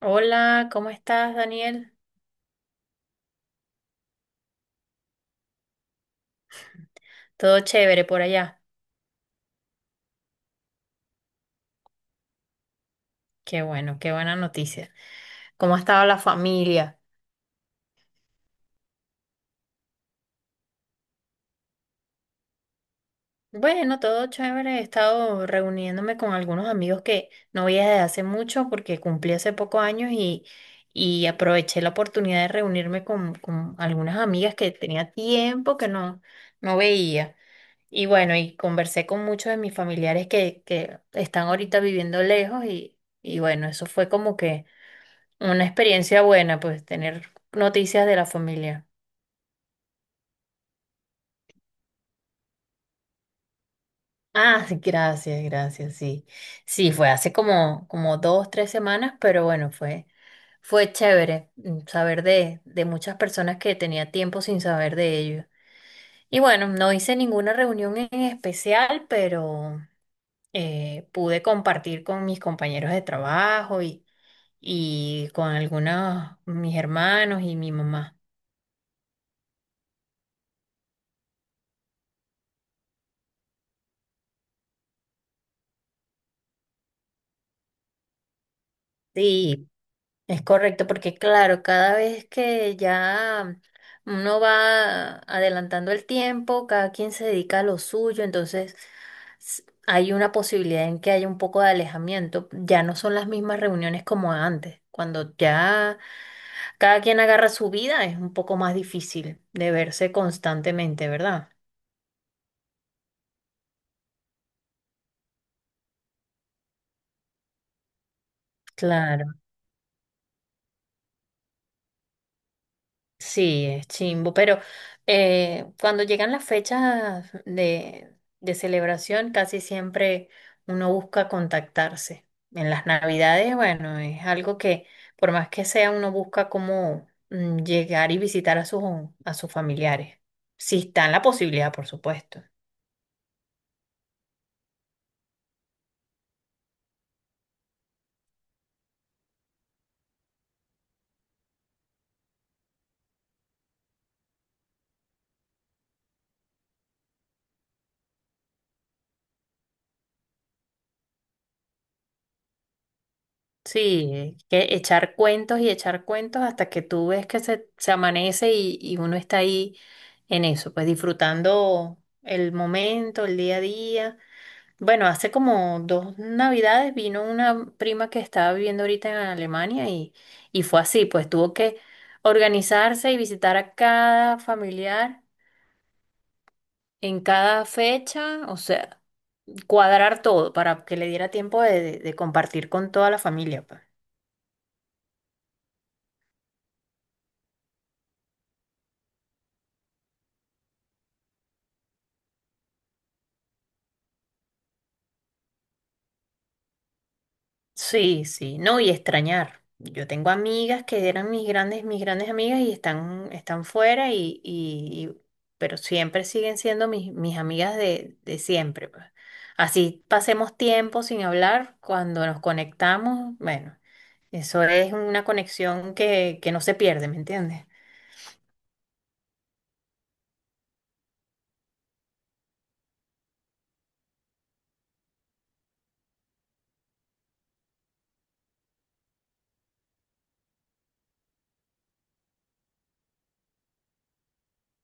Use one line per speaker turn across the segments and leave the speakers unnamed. Hola, ¿cómo estás, Daniel? Todo chévere por allá. Qué bueno, qué buena noticia. ¿Cómo ha estado la familia? Bueno, todo chévere. He estado reuniéndome con algunos amigos que no veía desde hace mucho porque cumplí hace pocos años y aproveché la oportunidad de reunirme con algunas amigas que tenía tiempo que no, no veía. Y bueno, y conversé con muchos de mis familiares que están ahorita viviendo lejos y bueno, eso fue como que una experiencia buena, pues tener noticias de la familia. Ah, sí, gracias, gracias, sí. Sí, fue hace como, como dos, tres semanas, pero bueno, fue, fue chévere, saber de muchas personas que tenía tiempo sin saber de ellos. Y bueno, no hice ninguna reunión en especial, pero pude compartir con mis compañeros de trabajo y con algunos, mis hermanos y mi mamá. Sí. Es correcto, porque claro, cada vez que ya uno va adelantando el tiempo, cada quien se dedica a lo suyo, entonces hay una posibilidad en que haya un poco de alejamiento. Ya no son las mismas reuniones como antes. Cuando ya cada quien agarra su vida, es un poco más difícil de verse constantemente, ¿verdad? Claro. Sí, es chimbo, pero cuando llegan las fechas de celebración, casi siempre uno busca contactarse. En las Navidades, bueno, es algo que, por más que sea, uno busca cómo, llegar y visitar a sus familiares. Si está en la posibilidad, por supuesto. Sí, que echar cuentos y echar cuentos hasta que tú ves que se amanece y uno está ahí en eso, pues disfrutando el momento, el día a día. Bueno, hace como dos navidades vino una prima que estaba viviendo ahorita en Alemania y fue así, pues tuvo que organizarse y visitar a cada familiar en cada fecha, o sea, cuadrar todo para que le diera tiempo de, de compartir con toda la familia, pues. Sí, sí, no, y extrañar. Yo tengo amigas que eran mis grandes amigas y están, están fuera y, pero siempre siguen siendo mis, mis amigas de siempre, pues. Así pasemos tiempo sin hablar, cuando nos conectamos, bueno, eso es una conexión que no se pierde, ¿me entiendes?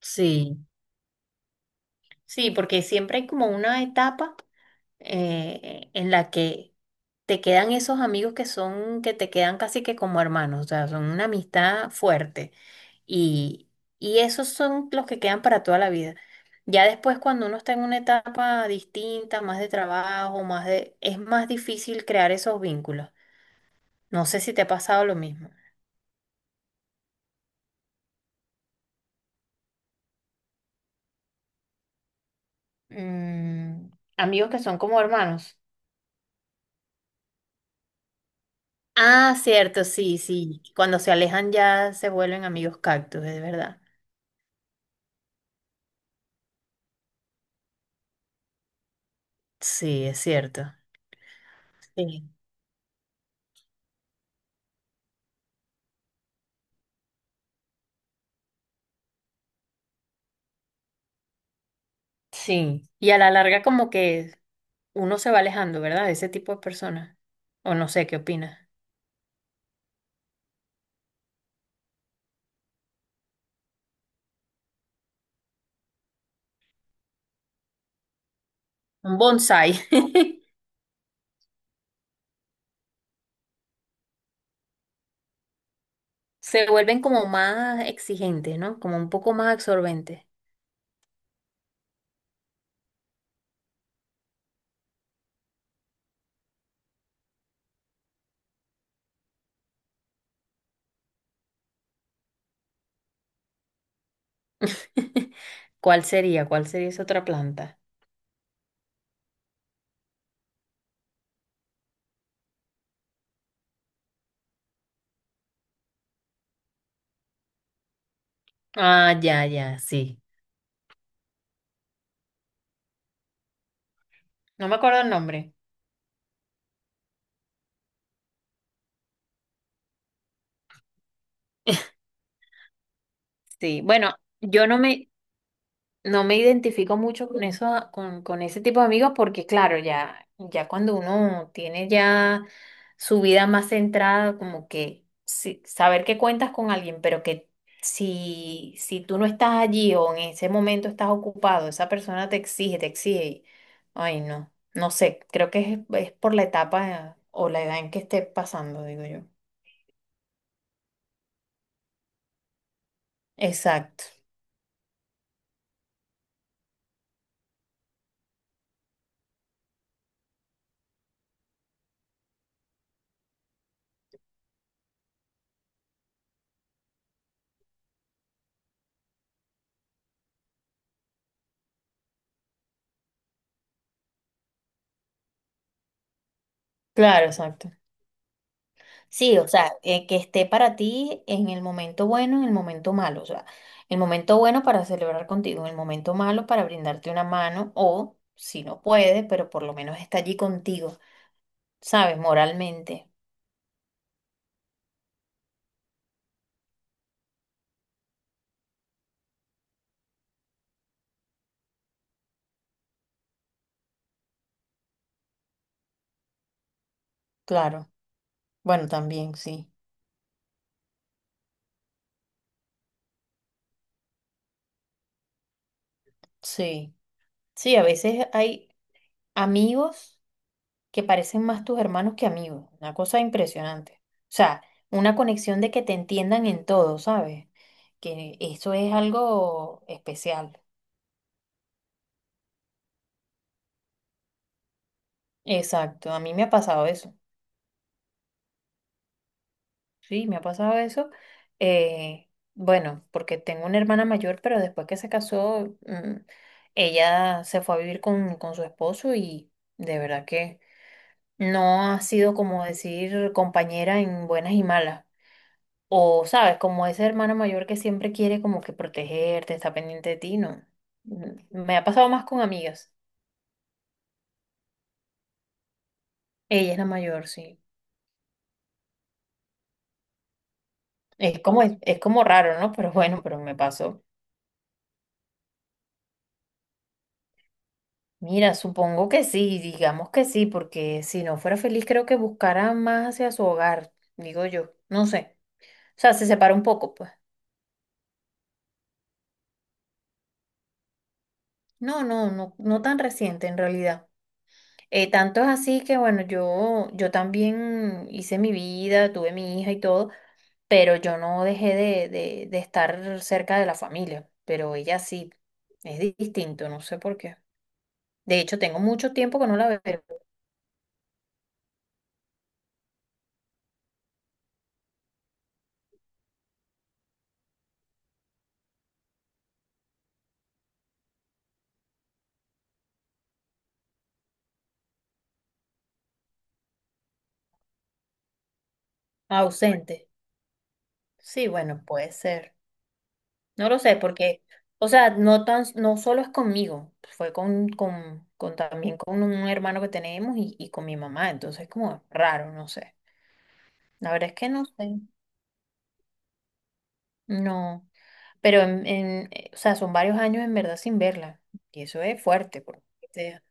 Sí, sí, porque siempre hay como una etapa, en la que te quedan esos amigos que son, que te quedan casi que como hermanos, o sea, son una amistad fuerte. Y, y esos son los que quedan para toda la vida. Ya después, cuando uno está en una etapa distinta, más de trabajo, más de, es más difícil crear esos vínculos. No sé si te ha pasado lo mismo. Mm, amigos que son como hermanos. Ah, cierto, sí, sí. Cuando se alejan ya se vuelven amigos cactus, es verdad. Sí, es cierto. Sí. Sí, y a la larga como que uno se va alejando, ¿verdad? De ese tipo de personas. O no sé, ¿qué opinas? Un bonsai. Se vuelven como más exigentes, ¿no? Como un poco más absorbentes. ¿Cuál sería? ¿Cuál sería esa otra planta? Ah, ya, ya, sí. No me acuerdo el nombre. Sí, bueno, yo no me, no me identifico mucho con eso, ah, con ese tipo de amigos, porque claro, ya, ya cuando uno tiene ya su vida más centrada, como que sí, saber que cuentas con alguien, pero que si, si tú no estás allí o en ese momento estás ocupado, esa persona te exige, te exige. Ay, no, no sé, creo que es por la etapa, o la edad en que esté pasando, digo yo. Exacto, claro, exacto. Sí, o sea, que esté para ti en el momento bueno, en el momento malo, o sea, el momento bueno para celebrar contigo, en el momento malo para brindarte una mano o, si no puede, pero por lo menos está allí contigo, ¿sabes? Moralmente, claro. Bueno, también, sí, sí. Sí, a veces hay amigos que parecen más tus hermanos que amigos, una cosa impresionante. O sea, una conexión de que te entiendan en todo, ¿sabes? Que eso es algo especial. Exacto, a mí me ha pasado eso, sí, me ha pasado eso. eh, bueno, porque tengo una hermana mayor, pero después que se casó, ella se fue a vivir con su esposo y de verdad que no ha sido como decir compañera en buenas y malas. O, sabes, como esa hermana mayor que siempre quiere como que protegerte, está pendiente de ti, no. Mm, me ha pasado más con amigas. Ella es la mayor, sí. Es como raro, ¿no? Pero bueno, pero me pasó. Mira, supongo que sí, digamos que sí, porque si no fuera feliz creo que buscara más hacia su hogar, digo yo, no sé. O sea, se separa un poco, pues. No, no, no, no tan reciente en realidad. Tanto es así que bueno, yo también hice mi vida, tuve mi hija y todo, pero yo no dejé de estar cerca de la familia, pero ella sí, es distinto, no sé por qué. De hecho, tengo mucho tiempo que no la veo, ausente. Sí, bueno, puede ser. No lo sé, porque, o sea, no tan, no solo es conmigo, fue con también con un hermano que tenemos y con mi mamá, entonces como raro, no sé. La verdad es que no sé, no, pero en, o sea, son varios años en verdad sin verla y eso es fuerte, porque o sea,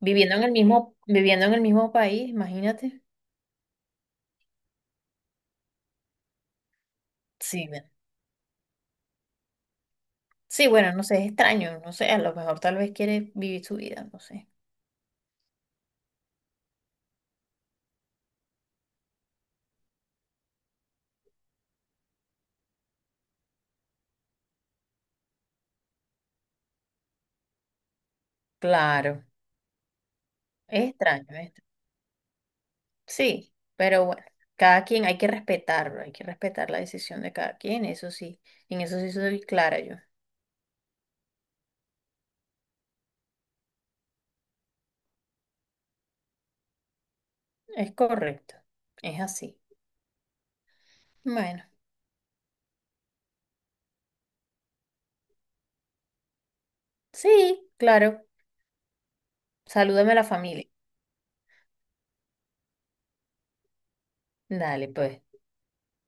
viviendo en el mismo, viviendo en el mismo país, imagínate. Sí, bueno. Sí, bueno, no sé, es extraño, no sé, a lo mejor tal vez quiere vivir su vida, no sé. Claro, es extraño, es extraño. Sí, pero bueno, cada quien hay que respetarlo, hay que respetar la decisión de cada quien, eso sí, en eso sí soy clara yo. Es correcto, es así. Bueno, sí, claro, salúdame a la familia. Dale, pues.